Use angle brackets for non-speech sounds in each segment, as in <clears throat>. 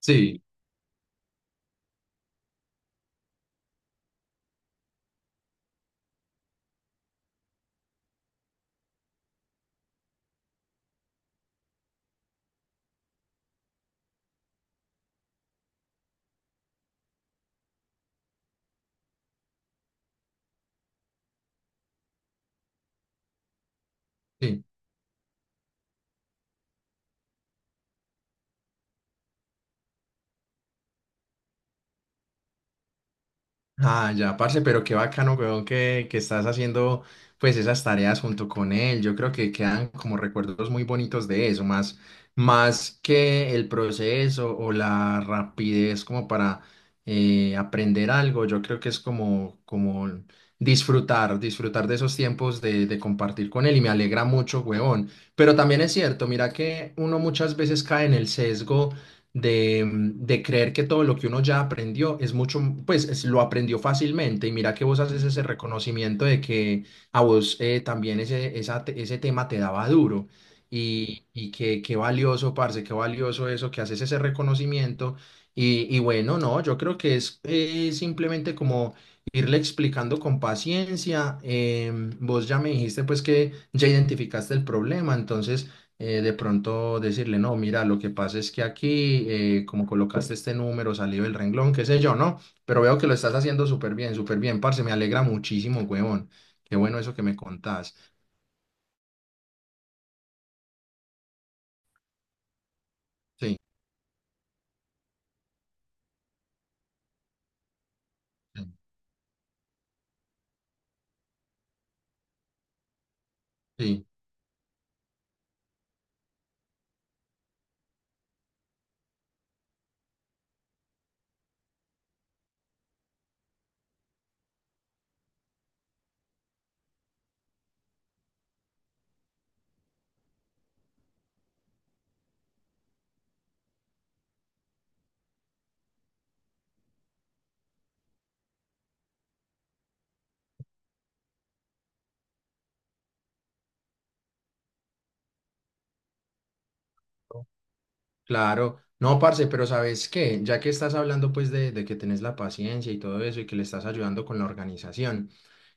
Sí, sí. Ah, ya, parce, pero qué bacano, weón, que estás haciendo pues esas tareas junto con él. Yo creo que quedan como recuerdos muy bonitos de eso, más que el proceso o la rapidez como para aprender algo. Yo creo que es como disfrutar de esos tiempos de compartir con él y me alegra mucho, weón. Pero también es cierto, mira que uno muchas veces cae en el sesgo de creer que todo lo que uno ya aprendió es mucho, pues lo aprendió fácilmente y mira que vos haces ese reconocimiento de que a vos también esa ese tema te daba duro y que qué valioso, parce, qué valioso eso, que haces ese reconocimiento y bueno, no, yo creo que es simplemente como irle explicando con paciencia, vos ya me dijiste pues que ya identificaste el problema, entonces de pronto decirle, no, mira, lo que pasa es que aquí, como colocaste este número, salió el renglón, qué sé yo, ¿no? Pero veo que lo estás haciendo súper bien, parce, me alegra muchísimo, huevón. Qué bueno eso que me contás. Sí, sí, sí. Claro, no, parce, pero ¿sabes qué? Ya que estás hablando pues de que tenés la paciencia y todo eso y que le estás ayudando con la organización,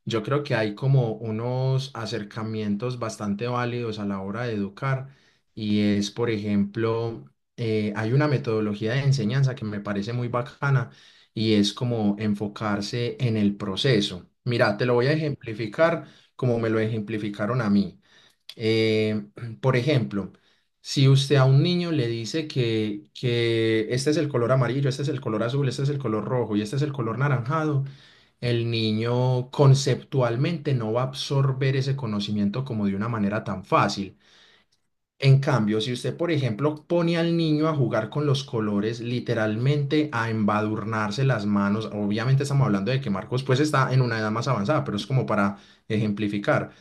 yo creo que hay como unos acercamientos bastante válidos a la hora de educar y es, por ejemplo, hay una metodología de enseñanza que me parece muy bacana y es como enfocarse en el proceso. Mira, te lo voy a ejemplificar como me lo ejemplificaron a mí. Eh, <clears throat> por ejemplo, si usted a un niño le dice que este es el color amarillo, este es el color azul, este es el color rojo y este es el color naranjado, el niño conceptualmente no va a absorber ese conocimiento como de una manera tan fácil. En cambio, si usted, por ejemplo, pone al niño a jugar con los colores, literalmente a embadurnarse las manos, obviamente estamos hablando de que Marcos pues está en una edad más avanzada, pero es como para ejemplificar,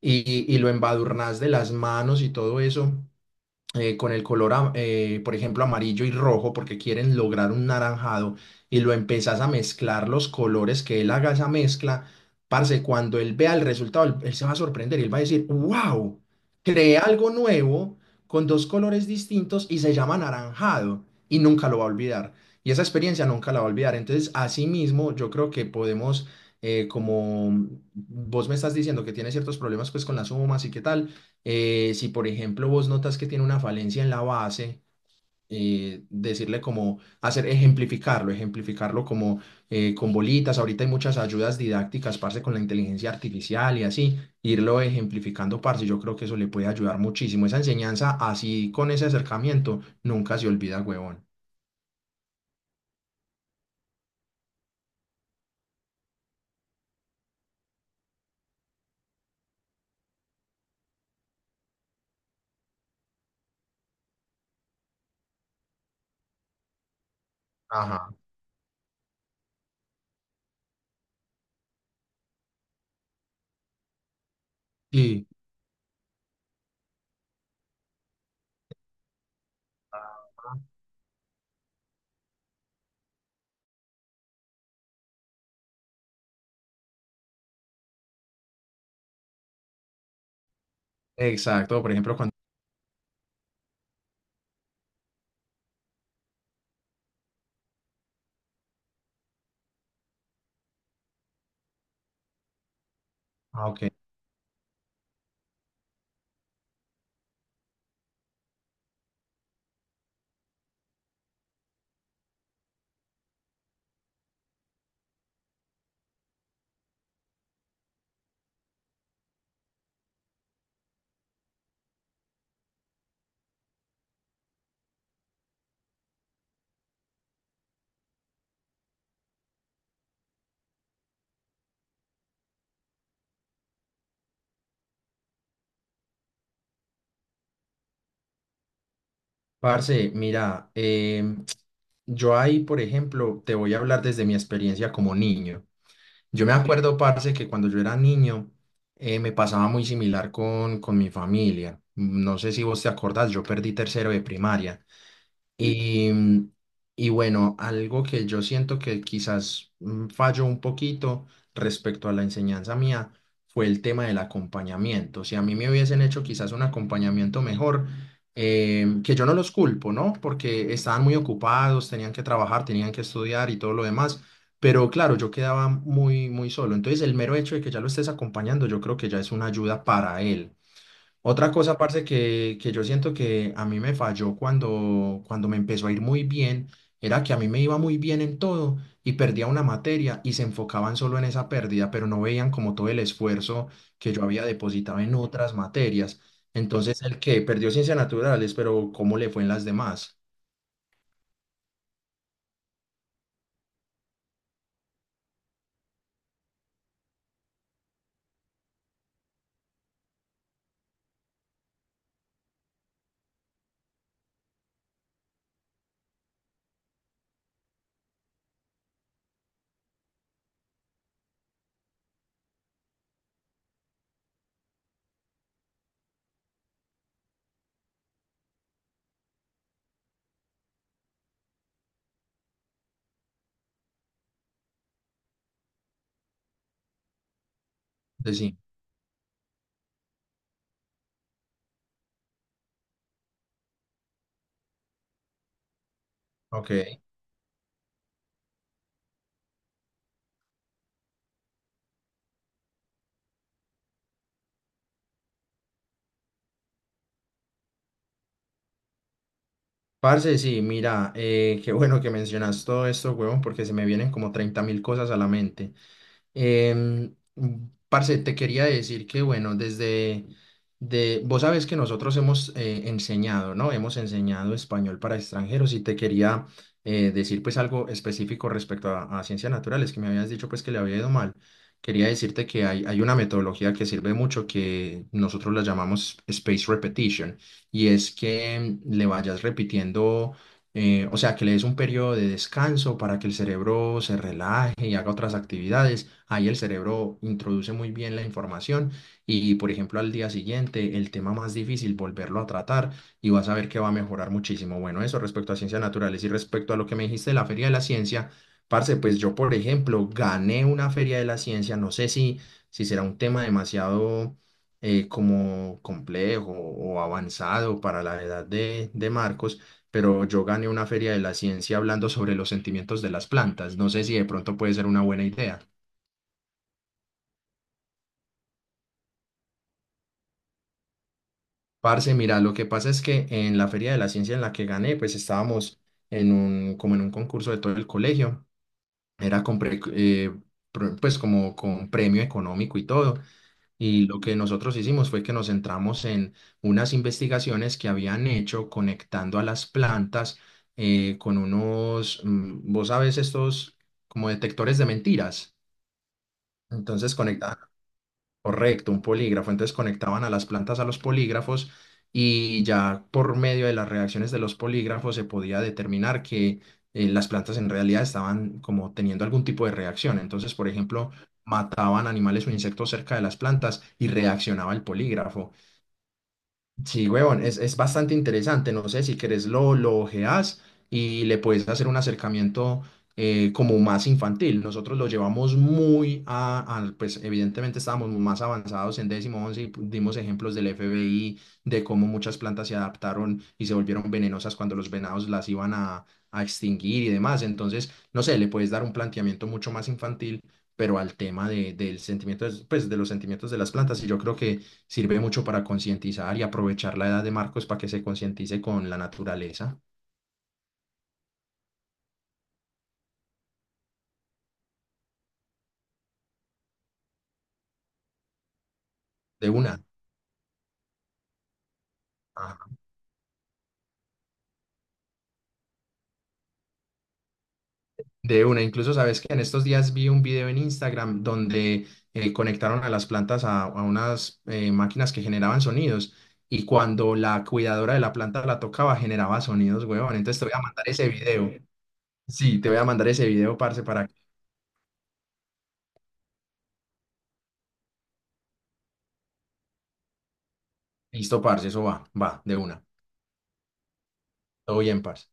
y lo embadurnas de las manos y todo eso, con el color, por ejemplo, amarillo y rojo, porque quieren lograr un naranjado, y lo empezás a mezclar los colores que él haga esa mezcla, parce, cuando él vea el resultado, él se va a sorprender, él va a decir, wow, creé algo nuevo con dos colores distintos y se llama naranjado, y nunca lo va a olvidar. Y esa experiencia nunca la va a olvidar. Entonces, así mismo, yo creo que podemos, como vos me estás diciendo que tienes ciertos problemas pues con las sumas y qué tal, si por ejemplo vos notas que tiene una falencia en la base, decirle como hacer ejemplificarlo como con bolitas. Ahorita hay muchas ayudas didácticas, parce, con la inteligencia artificial y así, irlo ejemplificando, parce. Yo creo que eso le puede ayudar muchísimo. Esa enseñanza así con ese acercamiento nunca se olvida, huevón. Ajá. Sí, exacto. Por ejemplo, cuando... Ah, ok. Parce, mira, yo ahí, por ejemplo, te voy a hablar desde mi experiencia como niño. Yo me acuerdo, parce, que cuando yo era niño me pasaba muy similar con mi familia. No sé si vos te acordás, yo perdí tercero de primaria. Y, mm, y bueno, algo que yo siento que quizás falló un poquito respecto a la enseñanza mía fue el tema del acompañamiento. Si a mí me hubiesen hecho quizás un acompañamiento mejor, que yo no los culpo, ¿no? Porque estaban muy ocupados, tenían que trabajar, tenían que estudiar y todo lo demás, pero claro, yo quedaba muy, muy solo. Entonces, el mero hecho de que ya lo estés acompañando, yo creo que ya es una ayuda para él. Otra cosa, parce, que yo siento que a mí me falló cuando me empezó a ir muy bien, era que a mí me iba muy bien en todo y perdía una materia y se enfocaban solo en esa pérdida, pero no veían como todo el esfuerzo que yo había depositado en otras materias. Entonces, el que perdió ciencias naturales, pero ¿cómo le fue en las demás? Pues sí, ok. Parce, sí, mira, qué bueno que mencionas todo esto, huevón, porque se me vienen como 30 mil cosas a la mente. Em, parce, te quería decir que, bueno, desde vos sabes que nosotros hemos enseñado, ¿no? Hemos enseñado español para extranjeros y te quería decir pues algo específico respecto a ciencias naturales, que me habías dicho pues que le había ido mal. Quería decirte que hay una metodología que sirve mucho que nosotros la llamamos space repetition y es que le vayas repitiendo o sea, que le des un periodo de descanso para que el cerebro se relaje y haga otras actividades. Ahí el cerebro introduce muy bien la información y, por ejemplo, al día siguiente, el tema más difícil, volverlo a tratar y vas a ver que va a mejorar muchísimo. Bueno, eso respecto a ciencias naturales y respecto a lo que me dijiste de la Feria de la Ciencia, parce, pues yo, por ejemplo, gané una Feria de la Ciencia, no sé si será un tema demasiado como complejo o avanzado para la edad de Marcos, pero yo gané una feria de la ciencia hablando sobre los sentimientos de las plantas. No sé si de pronto puede ser una buena idea. Parce, mira, lo que pasa es que en la feria de la ciencia en la que gané, pues estábamos en un, como en un concurso de todo el colegio. Era con pues como con premio económico y todo. Y lo que nosotros hicimos fue que nos centramos en unas investigaciones que habían hecho conectando a las plantas con unos, vos sabes, estos como detectores de mentiras. Entonces conectaban, correcto, un polígrafo. Entonces conectaban a las plantas a los polígrafos y ya por medio de las reacciones de los polígrafos se podía determinar que las plantas en realidad estaban como teniendo algún tipo de reacción. Entonces, por ejemplo, mataban animales o insectos cerca de las plantas y reaccionaba el polígrafo. Sí, huevón, es bastante interesante. No sé si querés lo ojeás y le puedes hacer un acercamiento como más infantil. Nosotros lo llevamos muy pues evidentemente estábamos más avanzados en décimo once y dimos ejemplos del FBI, de cómo muchas plantas se adaptaron y se volvieron venenosas cuando los venados las iban a extinguir y demás. Entonces, no sé, le puedes dar un planteamiento mucho más infantil, pero al tema del sentimiento, pues de los sentimientos de las plantas. Y yo creo que sirve mucho para concientizar y aprovechar la edad de Marcos para que se concientice con la naturaleza. De una. Ajá. De una. Incluso sabes que en estos días vi un video en Instagram donde conectaron a las plantas a unas máquinas que generaban sonidos. Y cuando la cuidadora de la planta la tocaba, generaba sonidos, huevón. Entonces te voy a mandar ese video. Sí, te voy a mandar ese video, parce, para que. Listo, parce, eso va, va, de una. Todo bien, parce.